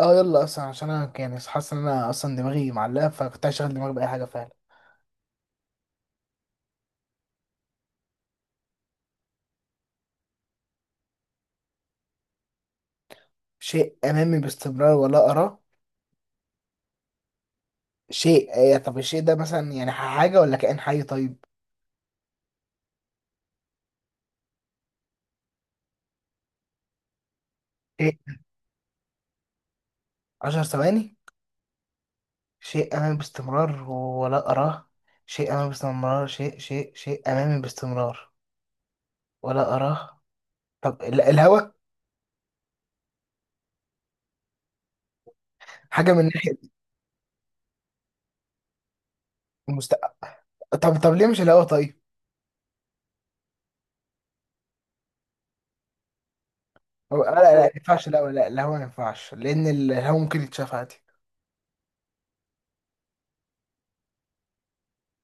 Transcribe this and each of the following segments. اه يلا اصلا عشان انا حاسس ان انا دماغي معلقه، فكنت هشغل دماغي باي حاجه فعلا. شيء امامي باستمرار ولا اراه؟ شيء. طب الشيء ده مثلا يعني حاجه ولا كائن حي؟ طيب. شيء. عشر ثواني. شيء امامي باستمرار ولا اراه. شيء امامي باستمرار. شيء شيء امامي باستمرار ولا اراه. طب الهوا. حاجه من ناحيه المستقبل. طب ليه مش الهوا؟ طيب. لا ما ينفعش الهوا. لا الهوا ما ينفعش لان الهوا ممكن يتشاف عادي.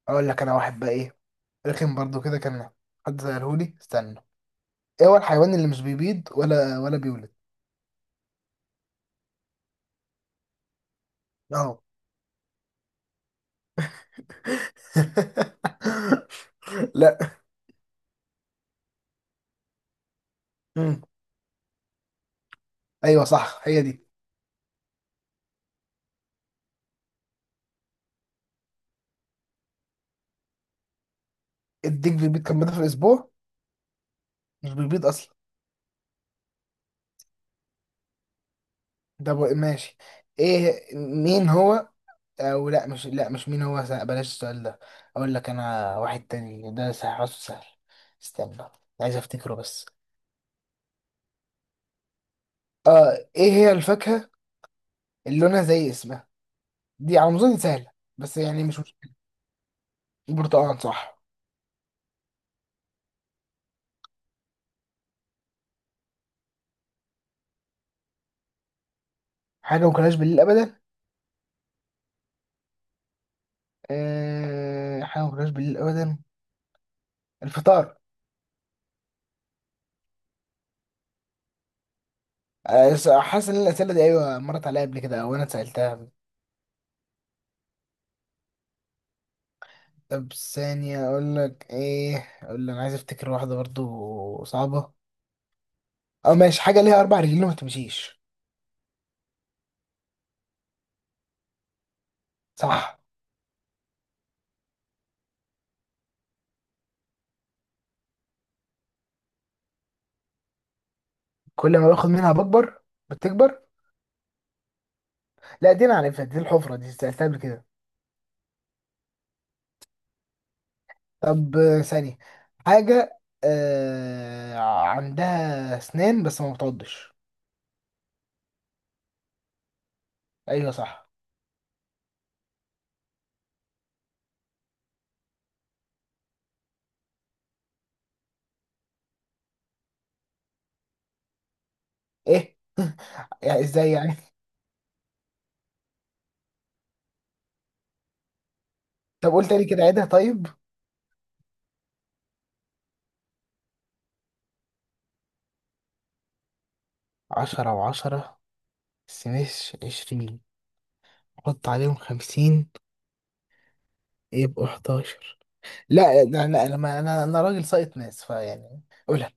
اقول لك انا واحد بقى، ايه؟ رخم برضو كده كان. حد سألهولي، استنى. ايه هو الحيوان اللي مش بيبيض ولا بيولد؟ اه. لا. مم. ايوه صح، هي دي. الديك بيبيض كام مرة في الاسبوع؟ مش بيبيض اصلا. ماشي. ايه مين هو؟ او لا، مش لا مش مين هو سأ- بلاش السؤال ده. اقول لك انا واحد تاني، ده سهل، حاسه سهل. استنى، عايز افتكره بس. اه، ايه هي الفاكهة اللي لونها زي اسمها؟ دي على ما اظن سهلة، بس يعني مش مشكلة. البرتقال، صح؟ حاجة ما كلناش بالليل أبدا؟ أه، حاجة ما كلناش بالليل أبدا. الفطار. حاسس إن الأسئلة دي، أيوة، مرت عليا قبل كده أو أنا اتسألتها. طب ثانية. أقول لك إيه؟ أقول لك، أنا عايز أفتكر واحدة برضو صعبة. أو ماشي، حاجة ليها أربع رجلين وما تمشيش. صح. كل ما باخد منها بكبر. بتكبر. لا، دي أنا عارفها دي، الحفرة دي، سألتها قبل كده. طب ثانية. حاجة عندها أسنان بس ما بتعضش. أيوة صح. إيه؟ يعني إزاي يعني؟ طب قول تاني كده، عيدها. طيب. عشرة وعشرة، سمش عشرين، حط عليهم خمسين، يبقوا حداشر. لا أنا ما- أنا أنا راجل سايط ناس، فيعني. قولها.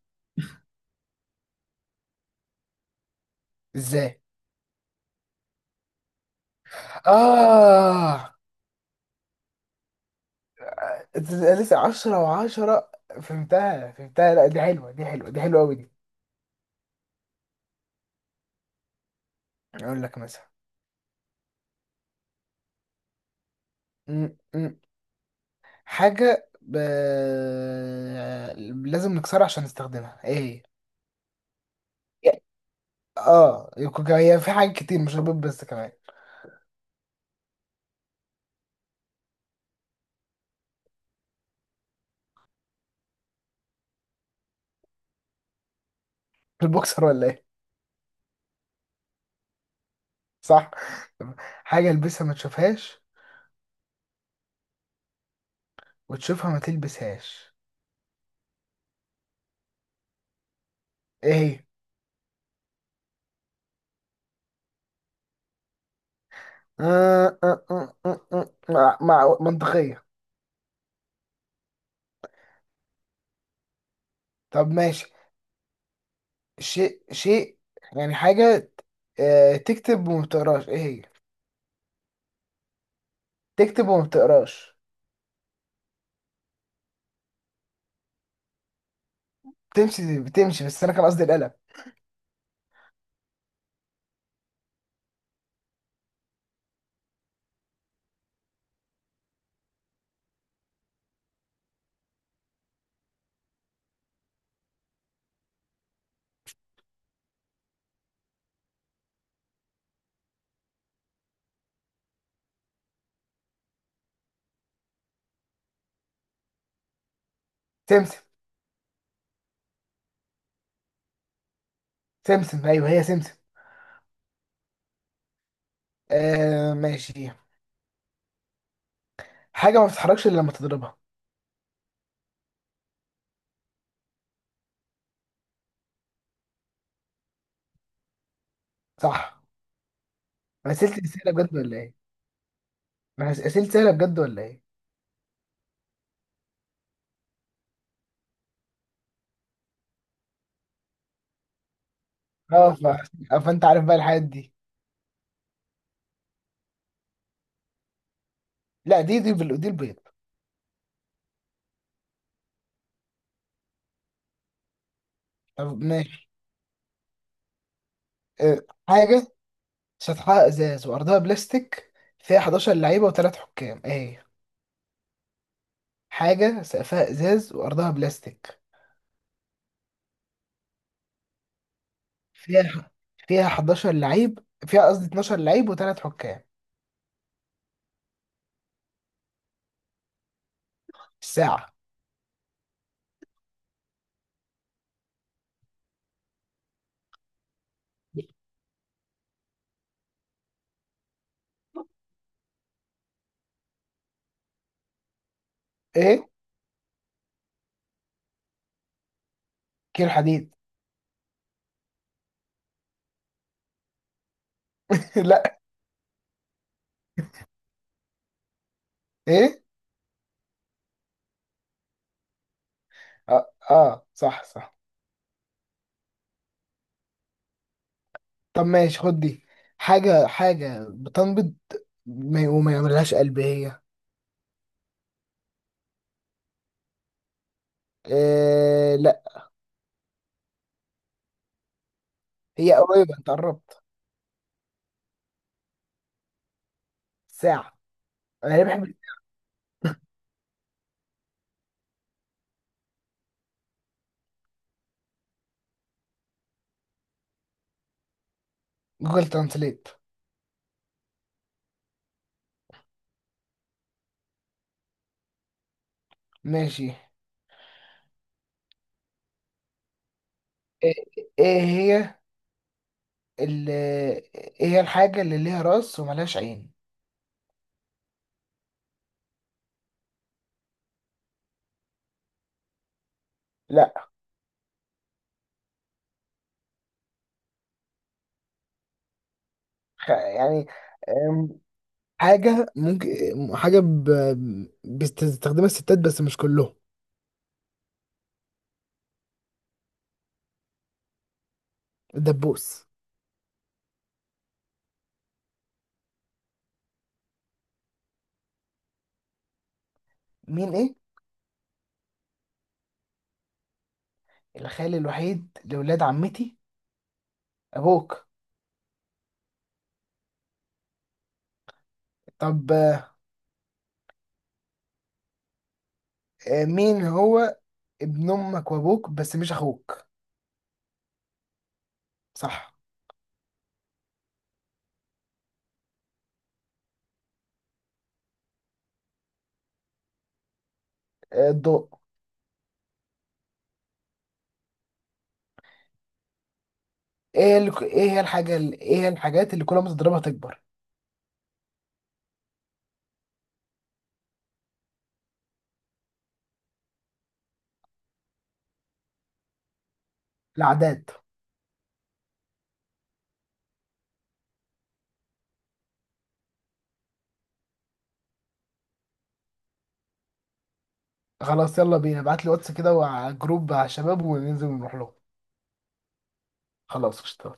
إزاي؟ آه. إنت لسه عشرة وعشرة. فهمتها. لا، دي حلوة، دي حلوة أوي دي. أقول لك مثلا. م- م. حاجة لازم نكسرها عشان نستخدمها، إيه هي؟ هي في حاجات كتير مش رابط، بس كمان. البوكسر ولا إيه؟ صح. حاجة البسها ما تشوفهاش وتشوفها ما تلبسهاش، ايه هي؟ منطقية. طب ماشي. شيء يعني حاجة تكتب وما بتقراش، ايه هي؟ تكتب وما بتقراش. تمشي بتمشي، بس انا كان قصدي القلم. سمسم. سمسم، ايوه هي سمسم. آه ماشي. حاجة ما بتتحركش الا لما تضربها. صح. أنا أسئلتي سهلة بجد ولا ايه؟ أنا أسئلتي سهلة بجد ولا ايه؟ اه ف... فانت عارف بقى الحاجات دي. لا، دي البيض. طب ماشي. آه، حاجة سطحها ازاز وارضها بلاستيك، فيها 11 لعيبة وثلاث حكام، ايه هي؟ حاجة سقفها ازاز وارضها بلاستيك، فيها فيها 11 لعيب، فيها قصدي 12 لعيب وثلاث حكام. الساعة. ايه؟ كيلو حديد. لا. ايه؟ اه, آه. صح صح. طب ماشي، خد دي. حاجة بتنبض ما- وما يعملهاش قلب، هي إيه؟ لا، هي قريبة، انت قربت. ساعة. انا ليه بحب. جوجل ترانسليت. ماشي. ايه؟ إيه هي ايه هي الحاجة اللي ليها راس وملهاش عين؟ لا. يعني أم، حاجة ممكن، حاجة بتستخدمها الستات بس مش كلهم. الدبوس. مين ايه؟ الخال الوحيد لولاد عمتي. أبوك. طب مين هو ابن أمك وأبوك بس مش أخوك؟ صح. آه، الضوء. ايه هي الحاجات اللي كل ما تضربها تكبر؟ العادات. خلاص يلا بينا، ابعت لي واتس كده وع- جروب على الشباب وننزل نروح لهم. خلاص، اشتغل.